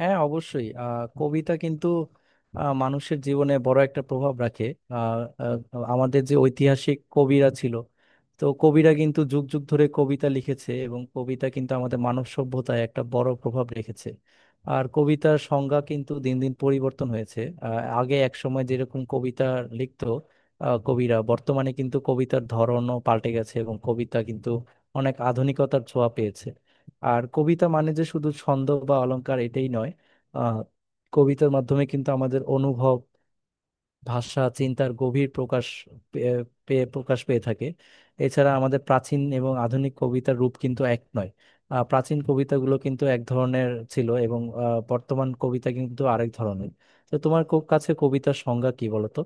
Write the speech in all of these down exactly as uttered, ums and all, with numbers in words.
হ্যাঁ, অবশ্যই। আহ, কবিতা কিন্তু আহ, মানুষের জীবনে বড় একটা প্রভাব রাখে। আহ, আহ, আমাদের যে ঐতিহাসিক কবিরা ছিল, তো কবিরা কিন্তু যুগ যুগ ধরে কবিতা লিখেছে এবং কবিতা কিন্তু আমাদের মানব সভ্যতায় একটা বড় প্রভাব রেখেছে। আর কবিতার সংজ্ঞা কিন্তু দিন দিন পরিবর্তন হয়েছে। আহ, আগে এক সময় যেরকম কবিতা লিখতো আহ, কবিরা, বর্তমানে কিন্তু কবিতার ধরনও পাল্টে গেছে এবং কবিতা কিন্তু অনেক আধুনিকতার ছোঁয়া পেয়েছে। আর কবিতা মানে যে শুধু ছন্দ বা অলংকার, এটাই নয়। আহ, কবিতার মাধ্যমে কিন্তু আমাদের অনুভব, ভাষা, চিন্তার গভীর প্রকাশ পে- পেয়ে প্রকাশ পেয়ে থাকে। এছাড়া আমাদের প্রাচীন এবং আধুনিক কবিতার রূপ কিন্তু এক নয়। আহ, প্রাচীন কবিতাগুলো কিন্তু এক ধরনের ছিল এবং আহ, বর্তমান কবিতা কিন্তু আরেক ধরনের। তো তোমার কো- কাছে কবিতার সংজ্ঞা কি, বলো তো।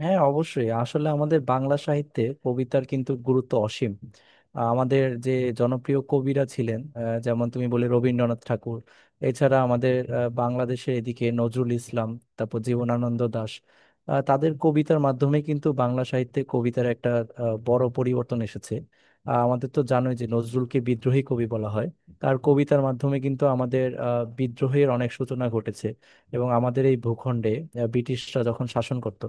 হ্যাঁ, অবশ্যই। আসলে আমাদের বাংলা সাহিত্যে কবিতার কিন্তু গুরুত্ব অসীম। আহ, আমাদের যে জনপ্রিয় কবিরা ছিলেন, আহ, যেমন তুমি বলে রবীন্দ্রনাথ ঠাকুর, এছাড়া আমাদের আহ, বাংলাদেশের এদিকে নজরুল ইসলাম, তারপর জীবনানন্দ দাশ। আহ, তাদের কবিতার মাধ্যমে কিন্তু বাংলা সাহিত্যে কবিতার একটা আহ, বড় পরিবর্তন এসেছে। আহ, আমাদের তো জানোই যে নজরুলকে বিদ্রোহী কবি বলা হয়। তার কবিতার মাধ্যমে কিন্তু আমাদের আহ, বিদ্রোহের অনেক সূচনা ঘটেছে। এবং আমাদের এই ভূখণ্ডে আহ, ব্রিটিশরা যখন শাসন করত,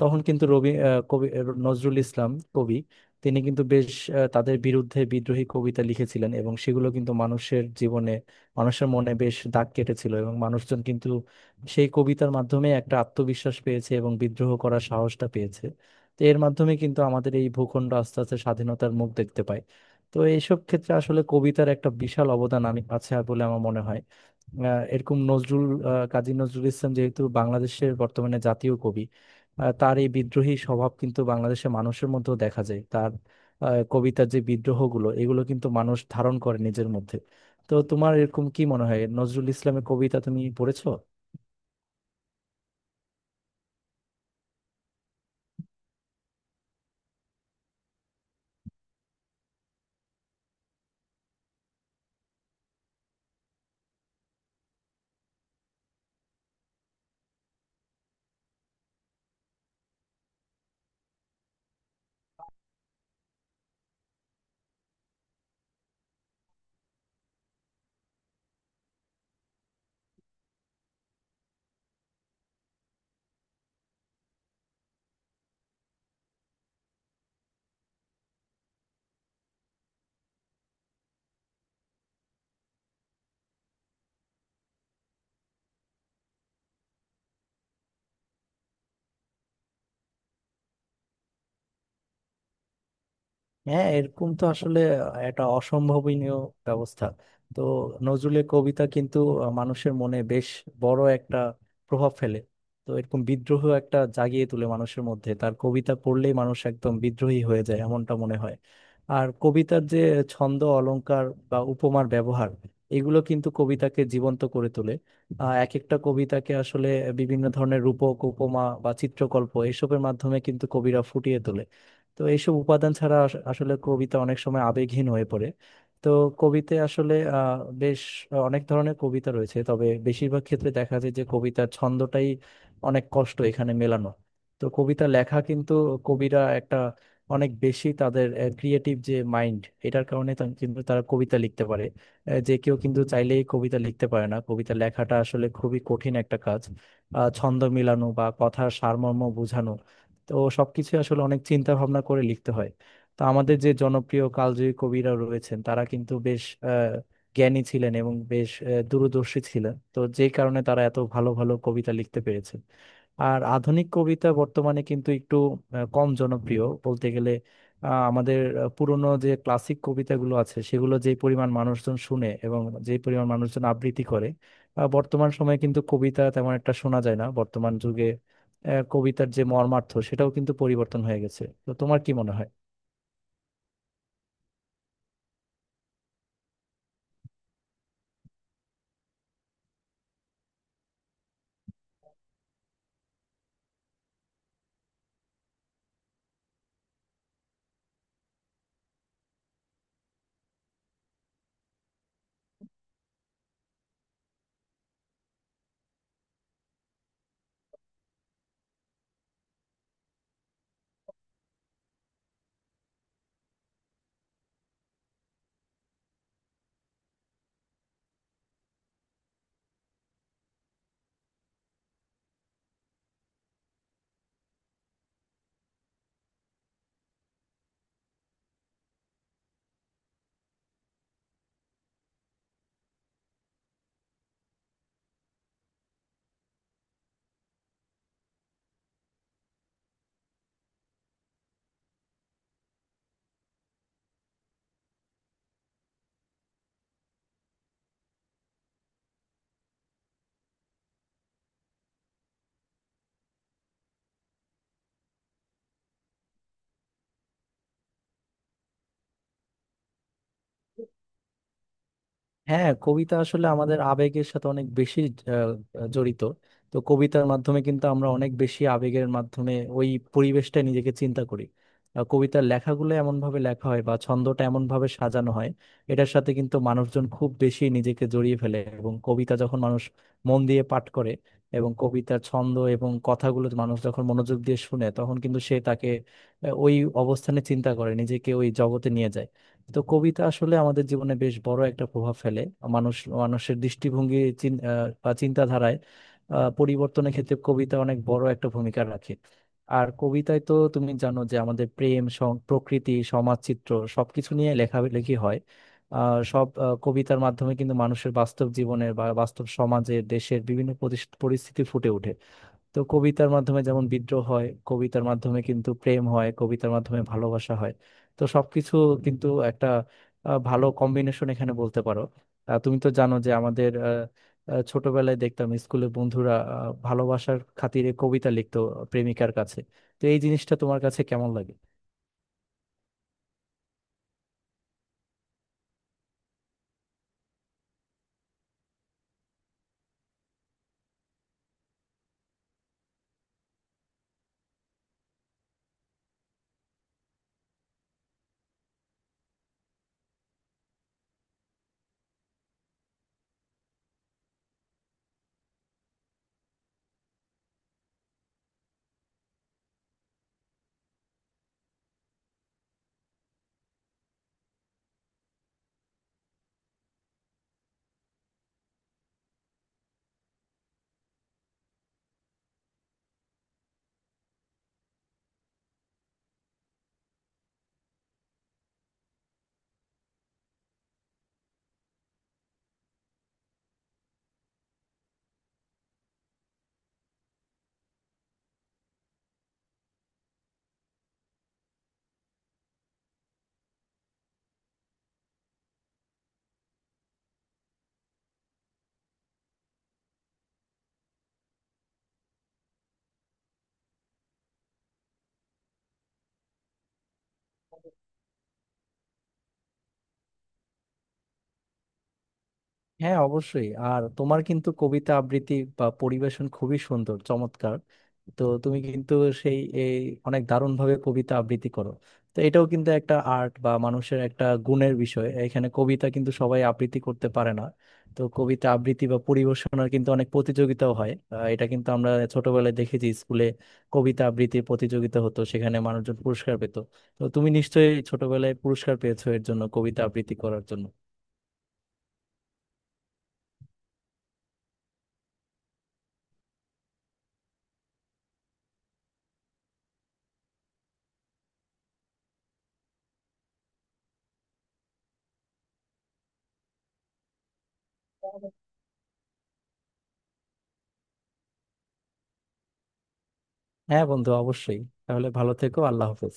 তখন কিন্তু রবি আহ, কবি আহ, নজরুল ইসলাম কবি, তিনি কিন্তু বেশ আহ, তাদের বিরুদ্ধে বিদ্রোহী কবিতা লিখেছিলেন এবং সেগুলো কিন্তু মানুষের জীবনে, মানুষের মনে বেশ দাগ কেটেছিল এবং মানুষজন কিন্তু সেই কবিতার মাধ্যমে একটা আত্মবিশ্বাস পেয়েছে এবং বিদ্রোহ করার সাহসটা পেয়েছে। তো এর মাধ্যমে কিন্তু আমাদের এই ভূখণ্ড আস্তে আস্তে স্বাধীনতার মুখ দেখতে পায়। তো এইসব ক্ষেত্রে আসলে কবিতার একটা বিশাল অবদান আমি আছে বলে আমার মনে হয়। আহ, এরকম নজরুল, আহ, কাজী নজরুল ইসলাম যেহেতু বাংলাদেশের বর্তমানে জাতীয় কবি, আহ, তার এই বিদ্রোহী স্বভাব কিন্তু বাংলাদেশের মানুষের মধ্যেও দেখা যায়। তার আহ, কবিতার যে বিদ্রোহগুলো, এগুলো কিন্তু মানুষ ধারণ করে নিজের মধ্যে। তো তোমার এরকম কি মনে হয়? নজরুল ইসলামের কবিতা তুমি পড়েছো? হ্যাঁ, এরকম তো আসলে একটা অসম্ভাবনীয় ব্যবস্থা। তো নজরুলের কবিতা কিন্তু আহ, মানুষের মনে বেশ বড় একটা প্রভাব ফেলে। তো এরকম বিদ্রোহ একটা জাগিয়ে তোলে মানুষের মধ্যে, তার কবিতা পড়লেই মানুষ একদম বিদ্রোহী হয়ে যায় এমনটা মনে হয়। আর কবিতার যে ছন্দ, অলংকার বা উপমার ব্যবহার, এগুলো কিন্তু কবিতাকে জীবন্ত করে তোলে। আহ, এক একটা কবিতাকে আসলে বিভিন্ন ধরনের রূপক, উপমা বা চিত্রকল্প এসবের মাধ্যমে কিন্তু কবিরা ফুটিয়ে তোলে। তো এইসব উপাদান ছাড়া আস- আসলে কবিতা অনেক সময় আবেগহীন হয়ে পড়ে। তো কবিতে আসলে আহ, বেশ অনেক ধরনের কবিতা রয়েছে, তবে বেশিরভাগ ক্ষেত্রে দেখা যায় যে কবিতার ছন্দটাই অনেক কষ্ট এখানে মেলানো। তো কবিতা লেখা কিন্তু, কবিরা একটা অনেক বেশি তাদের ক্রিয়েটিভ যে মাইন্ড, এটার কারণে তা- কিন্তু তারা কবিতা লিখতে পারে। আহ, যে কেউ কিন্তু চাইলেই কবিতা লিখতে পারে না, কবিতা লেখাটা আসলে খুবই কঠিন একটা কাজ। আহ, ছন্দ মিলানো বা কথার সারমর্ম বোঝানো, তো সবকিছু আসলে অনেক চিন্তা ভাবনা করে লিখতে হয়। তো আমাদের যে জনপ্রিয় কালজয়ী কবিরা রয়েছেন, তারা কিন্তু বেশ আহ, জ্ঞানী ছিলেন এবং বেশ আহ, দূরদর্শী ছিলেন, তো যে কারণে তারা এত ভালো ভালো কবিতা লিখতে পেরেছেন। আর আধুনিক কবিতা বর্তমানে কিন্তু একটু আহ, কম জনপ্রিয় বলতে গেলে। আহ, আমাদের আহ, পুরনো যে ক্লাসিক কবিতাগুলো আছে সেগুলো যে পরিমাণ মানুষজন শুনে এবং যে পরিমাণ মানুষজন আবৃত্তি করে, আহ, বর্তমান সময়ে কিন্তু কবিতা তেমন একটা শোনা যায় না। বর্তমান যুগে আহ, কবিতার যে মর্মার্থ সেটাও কিন্তু পরিবর্তন হয়ে গেছে। তো তোমার কি মনে হয়? হ্যাঁ, কবিতা আসলে আমাদের আবেগের সাথে অনেক বেশি আহ, জড়িত। তো কবিতার মাধ্যমে কিন্তু আমরা অনেক বেশি আবেগের মাধ্যমে ওই পরিবেশটা নিজেকে চিন্তা করি। আহ, কবিতার লেখাগুলো এমন ভাবে লেখা হয় বা ছন্দটা এমন ভাবে সাজানো হয়, এটার সাথে কিন্তু মানুষজন খুব বেশি নিজেকে জড়িয়ে ফেলে। এবং কবিতা যখন মানুষ মন দিয়ে পাঠ করে এবং কবিতার ছন্দ এবং কথাগুলো মানুষ যখন মনোযোগ দিয়ে শুনে, তখন কিন্তু সে তাকে আহ, ওই অবস্থানে চিন্তা করে নিজেকে ওই জগতে নিয়ে যায়। তো কবিতা আসলে আমাদের জীবনে বেশ বড় একটা প্রভাব ফেলে। মানুষ, মানুষের দৃষ্টিভঙ্গি চিন- আহ, বা চিন্তাধারায় আহ, পরিবর্তনের ক্ষেত্রে কবিতা অনেক বড় একটা ভূমিকা রাখে। আর কবিতায় তো তুমি জানো যে আমাদের প্রেম সং- প্রকৃতি, সমাজচিত্র, সবকিছু নিয়ে লেখালেখি হয়। আহ সব আহ, কবিতার মাধ্যমে কিন্তু মানুষের বাস্তব জীবনের বা বাস্তব সমাজের, দেশের বিভিন্ন পরিস- পরিস্থিতি ফুটে ওঠে। তো কবিতার মাধ্যমে যেমন বিদ্রোহ হয়, কবিতার মাধ্যমে কিন্তু প্রেম হয়, কবিতার মাধ্যমে ভালোবাসা হয়। তো সবকিছু কিন্তু একটা আহ, ভালো কম্বিনেশন এখানে বলতে পারো। আহ, তুমি তো জানো যে আমাদের আহ, আহ, ছোটবেলায় দেখতাম স্কুলে বন্ধুরা আহ, ভালোবাসার খাতিরে কবিতা লিখতো প্রেমিকার কাছে। তো এই জিনিসটা তোমার কাছে কেমন লাগে? হ্যাঁ, অবশ্যই। আর তোমার কিন্তু কবিতা আবৃত্তি বা পরিবেশন খুবই সুন্দর, চমৎকার। তো তুমি কিন্তু সেই এই অনেক দারুণ ভাবে কবিতা আবৃত্তি করো। তো এটাও কিন্তু একটা আর্ট বা মানুষের একটা গুণের বিষয়, এখানে কবিতা কিন্তু সবাই আবৃত্তি করতে পারে না। তো কবিতা আবৃত্তি বা পরিবেশনার কিন্তু অনেক প্রতিযোগিতাও হয়। আহ, এটা কিন্তু আমরা ছোটবেলায় দেখেছি স্কুলে কবিতা আবৃত্তির প্রতিযোগিতা হতো, সেখানে মানুষজন পুরস্কার পেত। তো তুমি নিশ্চয়ই ছোটবেলায় পুরস্কার পেয়েছো এর জন্য, কবিতা আবৃত্তি করার জন্য? হ্যাঁ বন্ধু, অবশ্যই। তাহলে ভালো থেকো, আল্লাহ হাফেজ।